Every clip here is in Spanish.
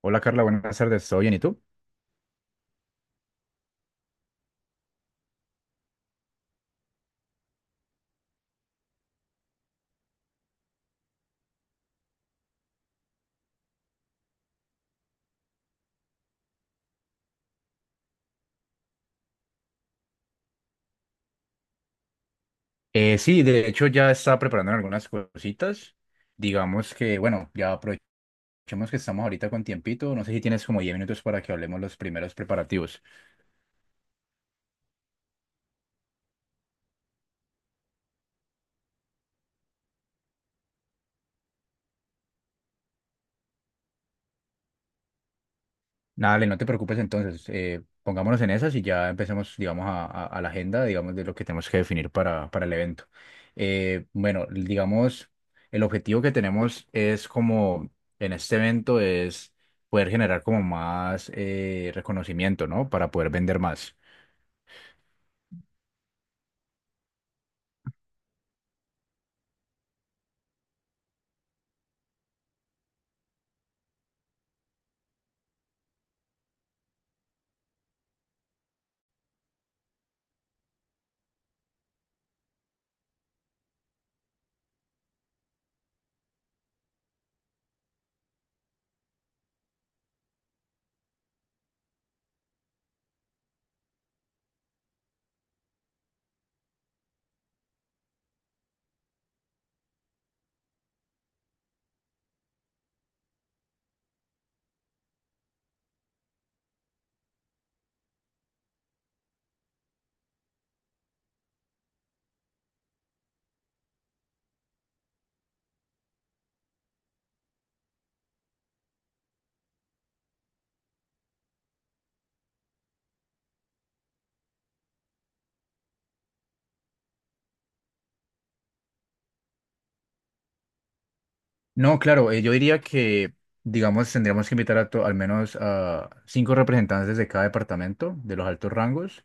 Hola Carla, buenas tardes, ¿todo bien? ¿Y tú? Sí, de hecho ya estaba preparando algunas cositas. Digamos que, bueno, ya aprovechemos que estamos ahorita con tiempito. No sé si tienes como 10 minutos para que hablemos los primeros preparativos. Dale, no te preocupes entonces. Pongámonos en esas y ya empecemos, digamos, a la agenda, digamos, de lo que tenemos que definir para el evento. Bueno, digamos, el objetivo que tenemos es como en este evento es poder generar como más reconocimiento, ¿no? Para poder vender más. No, claro, yo diría que, digamos, tendríamos que invitar al menos a cinco representantes de cada departamento de los altos rangos.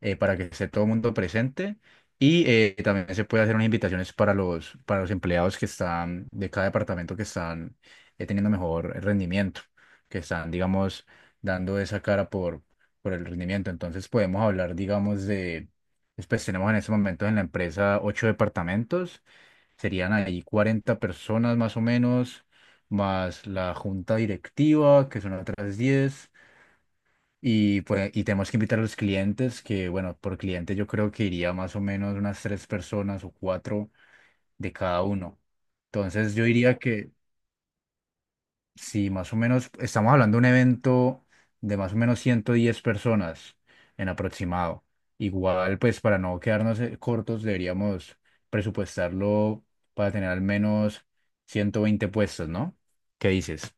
Para que esté todo el mundo presente y también se puede hacer unas invitaciones para los empleados que están de cada departamento que están teniendo mejor rendimiento, que están, digamos, dando esa cara por el rendimiento. Entonces podemos hablar, digamos, pues tenemos en estos momentos en la empresa ocho departamentos. Serían ahí 40 personas más o menos, más la junta directiva, que son otras 10. Y pues tenemos que invitar a los clientes, que bueno, por cliente yo creo que iría más o menos unas tres personas o cuatro de cada uno. Entonces yo diría que, sí, más o menos, estamos hablando de un evento de más o menos 110 personas en aproximado. Igual, pues para no quedarnos cortos, deberíamos presupuestarlo para tener al menos 120 puestos, ¿no? ¿Qué dices?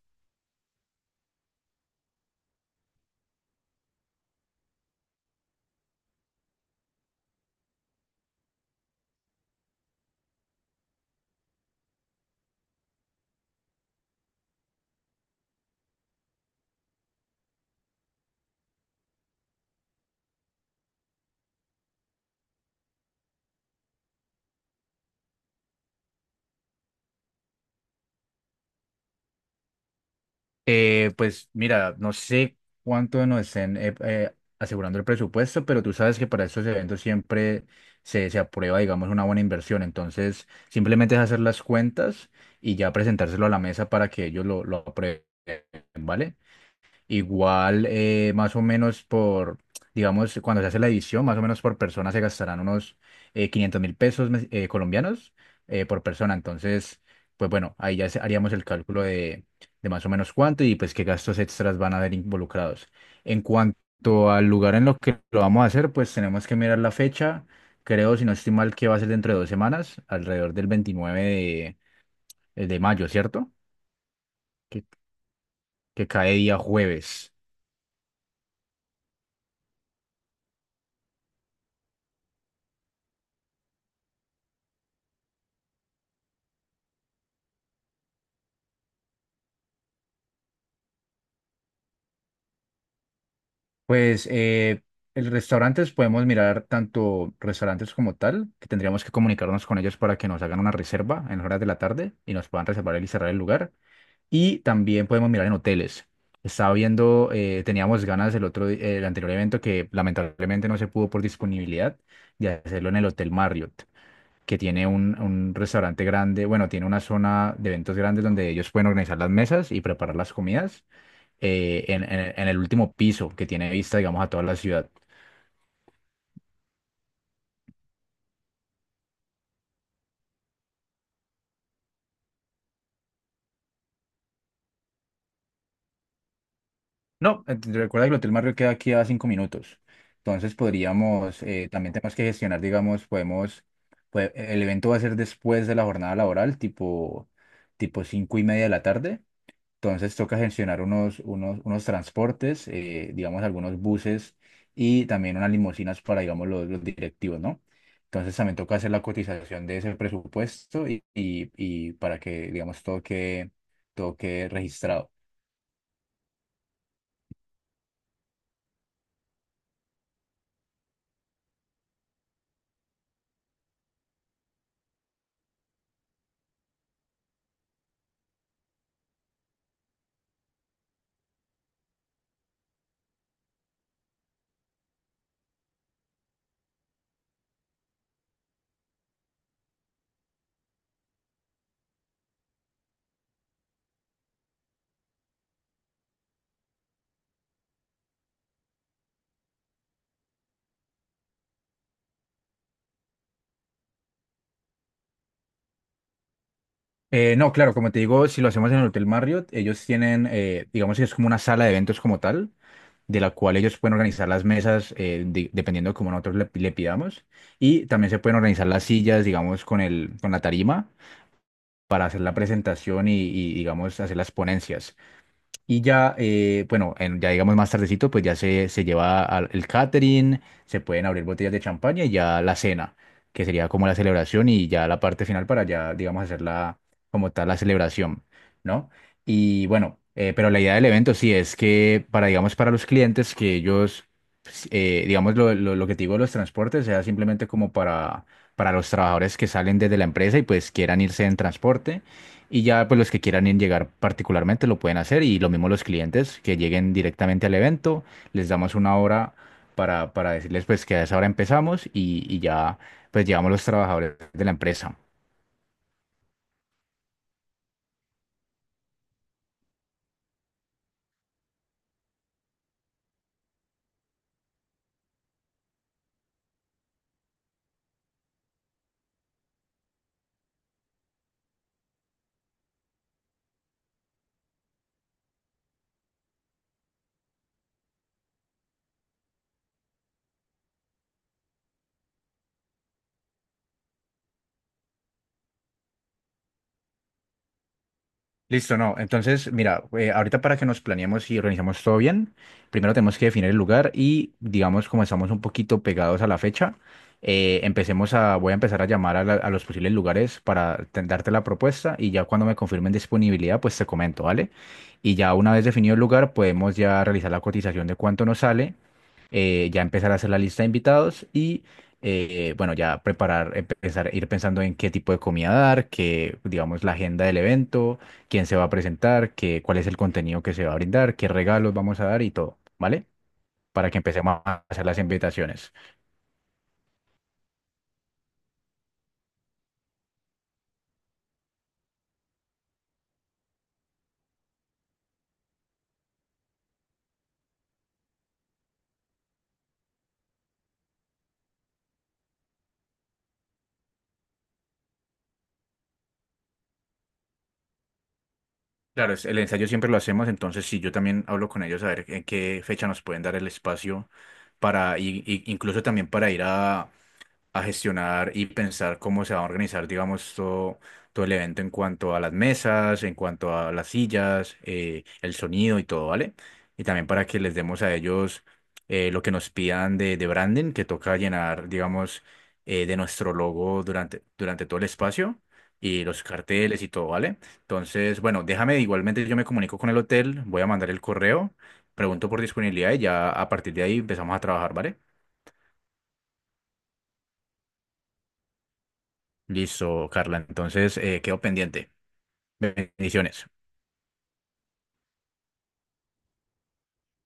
Pues mira, no sé cuánto nos estén asegurando el presupuesto, pero tú sabes que para estos eventos siempre se aprueba, digamos, una buena inversión. Entonces, simplemente es hacer las cuentas y ya presentárselo a la mesa para que ellos lo aprueben, ¿vale? Igual, más o menos por, digamos, cuando se hace la edición, más o menos por persona se gastarán unos 500.000 pesos colombianos por persona. Entonces, pues bueno, ahí ya haríamos el cálculo de más o menos cuánto y pues qué gastos extras van a haber involucrados. En cuanto al lugar en lo que lo vamos a hacer, pues tenemos que mirar la fecha. Creo, si no estoy mal, que va a ser dentro de 2 semanas, alrededor del 29 de mayo, ¿cierto? Que, que cae día jueves. Pues el restaurantes podemos mirar tanto restaurantes como tal, que tendríamos que comunicarnos con ellos para que nos hagan una reserva en las horas de la tarde y nos puedan reservar y cerrar el lugar. Y también podemos mirar en hoteles. Estaba viendo, teníamos ganas el anterior evento que lamentablemente no se pudo por disponibilidad de hacerlo en el Hotel Marriott, que tiene un restaurante grande, bueno, tiene una zona de eventos grandes donde ellos pueden organizar las mesas y preparar las comidas en, en el último piso que tiene vista, digamos, a toda la ciudad. No, recuerda que el Hotel Marriott queda aquí a 5 minutos. Entonces podríamos, también tenemos que gestionar, digamos, el evento va a ser después de la jornada laboral, tipo 5:30 de la tarde. Entonces toca gestionar unos transportes, digamos algunos buses y también unas limusinas para, digamos, los directivos, ¿no? Entonces también toca hacer la cotización de ese presupuesto y para que, digamos, todo quede registrado. No, claro, como te digo, si lo hacemos en el Hotel Marriott, ellos tienen, digamos que es como una sala de eventos como tal, de la cual ellos pueden organizar las mesas dependiendo de cómo nosotros le pidamos. Y también se pueden organizar las sillas, digamos, con la tarima para hacer la presentación y, digamos, hacer las ponencias. Y ya, bueno, ya digamos más tardecito, pues ya se lleva el catering, se pueden abrir botellas de champaña y ya la cena, que sería como la celebración y ya la parte final para ya, digamos, hacer la, como tal, la celebración, ¿no? Y bueno, pero la idea del evento sí es que para, digamos, para los clientes que ellos, pues, digamos, lo que te digo, de los transportes, sea simplemente como para los trabajadores que salen desde la empresa y pues quieran irse en transporte, y ya pues los que quieran en llegar particularmente lo pueden hacer y lo mismo los clientes que lleguen directamente al evento, les damos una hora para decirles pues que a esa hora empezamos y ya pues llevamos los trabajadores de la empresa. Listo, no. Entonces, mira, ahorita para que nos planeemos y organizamos todo bien, primero tenemos que definir el lugar y, digamos, como estamos un poquito pegados a la fecha, voy a empezar a llamar a los posibles lugares para darte la propuesta y ya cuando me confirmen disponibilidad, pues te comento, ¿vale? Y ya una vez definido el lugar, podemos ya realizar la cotización de cuánto nos sale, ya empezar a hacer la lista de invitados y, bueno, ya preparar, empezar, ir pensando en qué tipo de comida dar, qué, digamos, la agenda del evento, quién se va a presentar, qué, cuál es el contenido que se va a brindar, qué regalos vamos a dar y todo, ¿vale? Para que empecemos a hacer las invitaciones. Claro, el ensayo siempre lo hacemos, entonces sí, yo también hablo con ellos a ver en qué fecha nos pueden dar el espacio para, incluso también para ir a gestionar y pensar cómo se va a organizar, digamos, todo el evento en cuanto a las mesas, en cuanto a las sillas, el sonido y todo, ¿vale? Y también para que les demos a ellos lo que nos pidan de, branding, que toca llenar, digamos, de nuestro logo durante todo el espacio. Y los carteles y todo, ¿vale? Entonces, bueno, déjame, igualmente yo me comunico con el hotel, voy a mandar el correo, pregunto por disponibilidad y ya a partir de ahí empezamos a trabajar, ¿vale? Listo, Carla. Entonces, quedo pendiente. Bendiciones.